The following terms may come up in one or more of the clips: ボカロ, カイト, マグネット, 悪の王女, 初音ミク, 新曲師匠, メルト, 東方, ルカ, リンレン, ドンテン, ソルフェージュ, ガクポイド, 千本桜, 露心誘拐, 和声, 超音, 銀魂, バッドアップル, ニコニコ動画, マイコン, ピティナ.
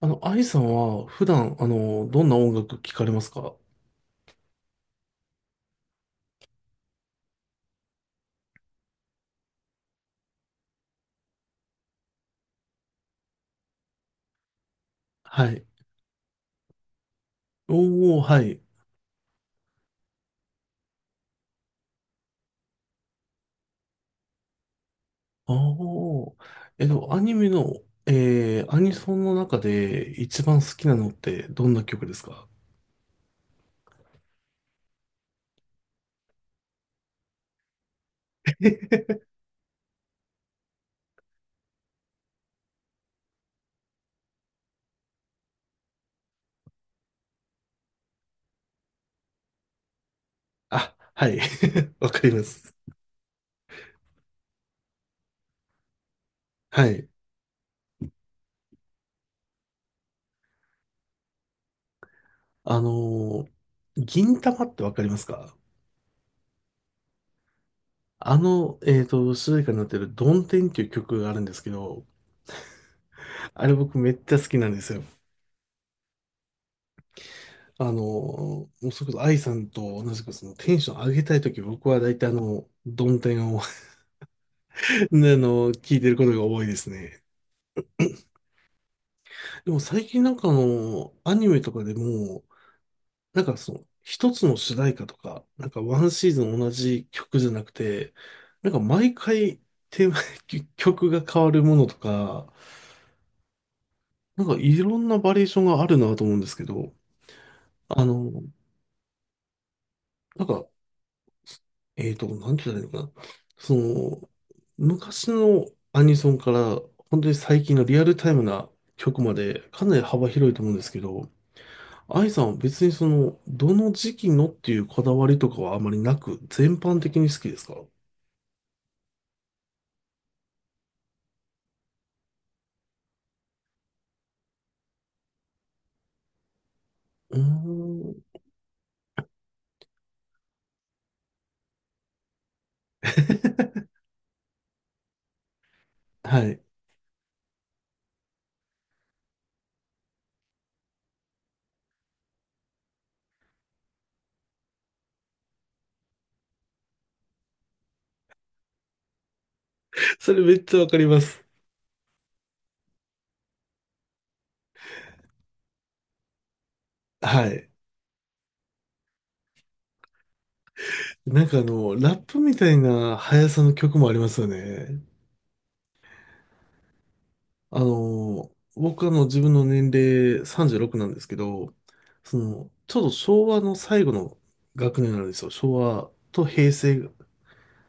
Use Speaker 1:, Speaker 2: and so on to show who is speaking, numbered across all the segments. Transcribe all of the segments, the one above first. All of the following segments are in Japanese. Speaker 1: アイさんは普段、どんな音楽聞かれますか？はい。おー、はい。あー。えっと、アニメの、アニソンの中で一番好きなのってどんな曲ですか？あ、はい。わかります。はい。あの銀魂ってわかりますか？主題歌になってるドンテンっていう曲があるんですけど、あれ僕めっちゃ好きなんですよ。もうそれこそ愛さんと同じくそのテンション上げたいとき僕は大体ドンテンを ね聞いてることが多いですね。でも最近なんかアニメとかでも、なんかその、一つの主題歌とか、なんかワンシーズン同じ曲じゃなくて、なんか毎回テーマ、曲が変わるものとか、なんかいろんなバリエーションがあるなと思うんですけど、あの、なんかなんて言ったらいいのかな。その、昔のアニソンから、本当に最近のリアルタイムな曲まで、かなり幅広いと思うんですけど、愛さんは別にその、どの時期のっていうこだわりとかはあまりなく、全般的に好きですか？うーん。はい。それめっちゃわかります。はい。なんかラップみたいな速さの曲もありますよね。あの、僕自分の年齢36なんですけど、その、ちょうど昭和の最後の学年なんですよ。昭和と平成、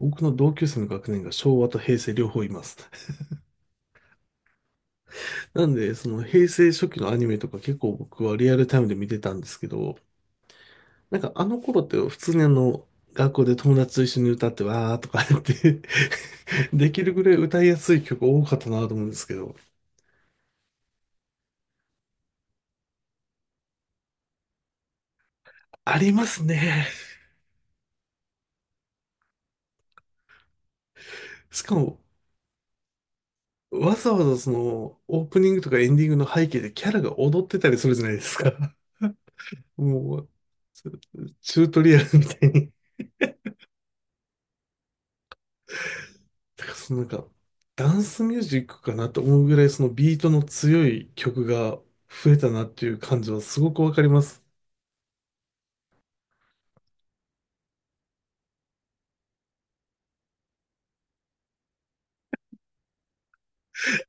Speaker 1: 僕の同級生の学年が昭和と平成両方います。なんで、その平成初期のアニメとか結構僕はリアルタイムで見てたんですけど、なんかあの頃って普通に学校で友達と一緒に歌ってわーとか やって できるぐらい歌いやすい曲多かったなと思うんですけど、ありますね。しかもわざわざその、オープニングとかエンディングの背景でキャラが踊ってたりするじゃないですか。もう、チュートリアルみたいに。だからそのなんか、ダンスミュージックかなと思うぐらいそのビートの強い曲が増えたなっていう感じはすごくわかります。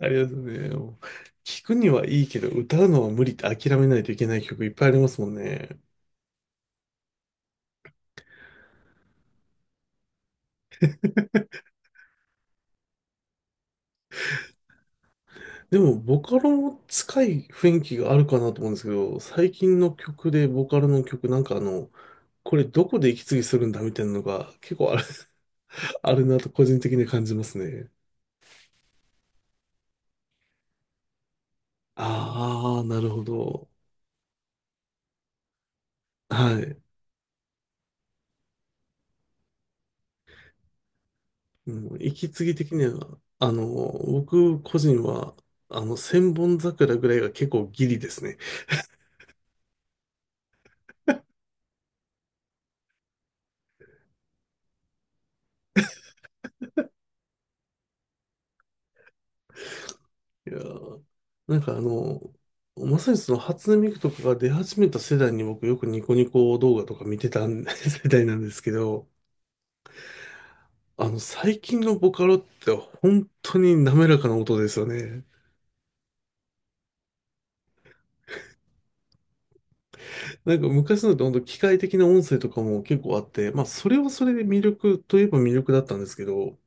Speaker 1: ありがとうね。もう聞くにはいいけど、歌うのは無理って諦めないといけない曲いっぱいありますもんね。でも、ボカロも近い雰囲気があるかなと思うんですけど、最近の曲で、ボカロの曲、なんかこれどこで息継ぎするんだみたいなのが結構あるなと個人的に感じますね。ああ、なるほど。はい。うん、息継ぎ的には、僕個人は、千本桜ぐらいが結構ギリですね。いやーなんかまさにその初音ミクとかが出始めた世代に僕よくニコニコ動画とか見てたん 世代なんですけど、最近のボカロって本当に滑らかな音ですよね。なんか昔のって本当機械的な音声とかも結構あって、まあそれはそれで魅力といえば魅力だったんですけど、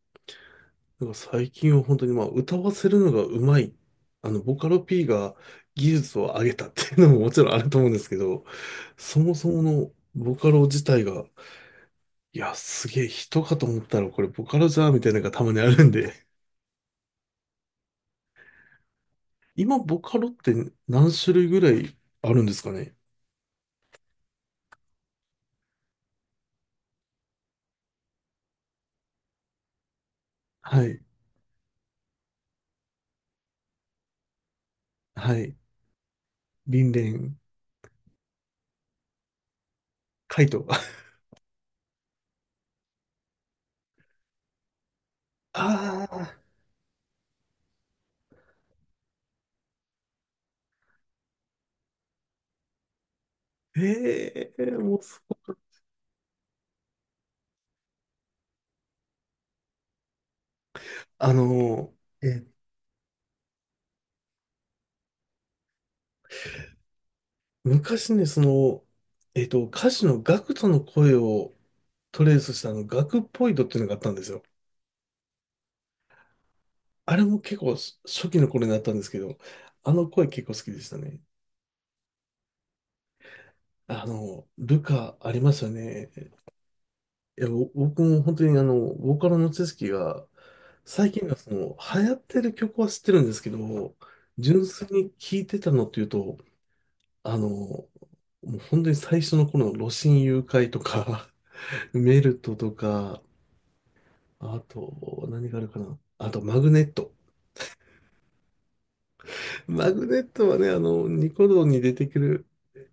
Speaker 1: なんか最近は本当にまあ歌わせるのがうまい。ボカロ P が技術を上げたっていうのももちろんあると思うんですけど、そもそものボカロ自体がいや、すげえ人かと思ったらこれボカロじゃーみたいなのがたまにあるんで。今ボカロって何種類ぐらいあるんですかね？はい。はい。リンレン、カイト。ああ、ええもうそこ。あの、え、昔ね、その、歌手のガクトの声をトレースしたガクポイドっていうのがあったんですよ。あれも結構初期の頃になったんですけど、あの声結構好きでしたね。ルカありますよね。いや、僕も本当にボーカルの知識が、最近はその、流行ってる曲は知ってるんですけど、純粋に聴いてたのっていうと、もう本当に最初の頃の露心誘拐とか、メルトとか、あと、何があるかな。あと、マグネット。マグネットはね、ニコ動に出てくる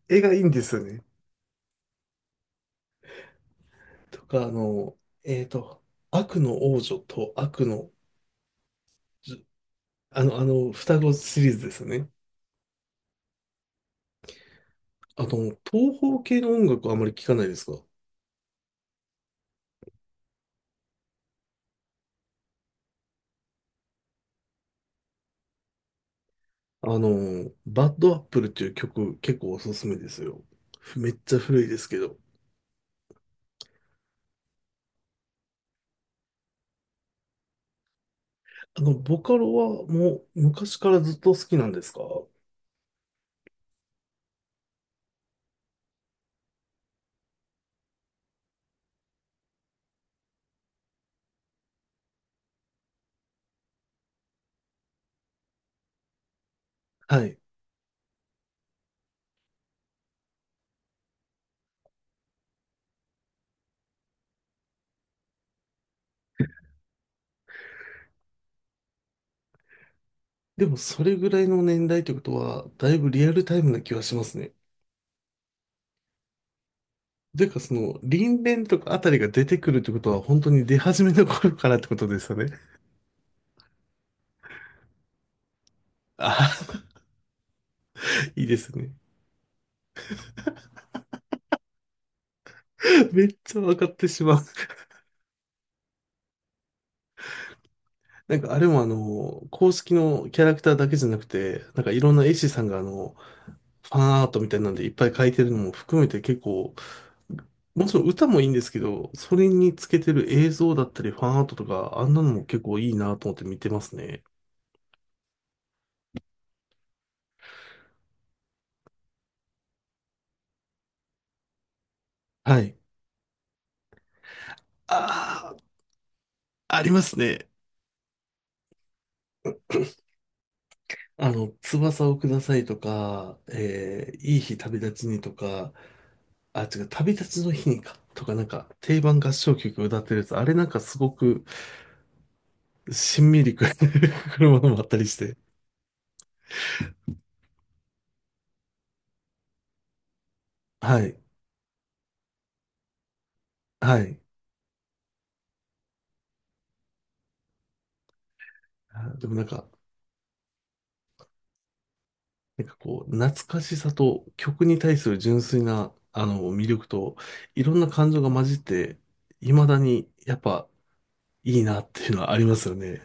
Speaker 1: 絵がいいんですよね。とか、えっと、悪の王女と悪の、双子シリーズですよね。東方系の音楽はあまり聞かないですか？バッドアップルっていう曲結構おすすめですよ。めっちゃ古いですけど。ボカロはもう昔からずっと好きなんですか？はい。でもそれぐらいの年代ってことは、だいぶリアルタイムな気はしますね。というかその、リンレンとかあたりが出てくるってことは、本当に出始めの頃からってことですよね。ああ、いいですね。めっちゃ分かってしまう。なんかあれも公式のキャラクターだけじゃなくて、なんかいろんな絵師さんがファンアートみたいなんでいっぱい描いてるのも含めて結構、もちろん歌もいいんですけど、それにつけてる映像だったりファンアートとか、あんなのも結構いいなと思って見てますね。はい。ああ、ありますね。翼をくださいとか、いい日旅立ちにとか、あ、違う、旅立ちの日にか、とかなんか定番合唱曲歌ってるやつ、あれなんかすごくしんみりく るものもあったりして。はい。はい。あ、でもなんか、なんかこう、懐かしさと曲に対する純粋な、魅力と、いろんな感情が混じって、未だにやっぱいいなっていうのはありますよね。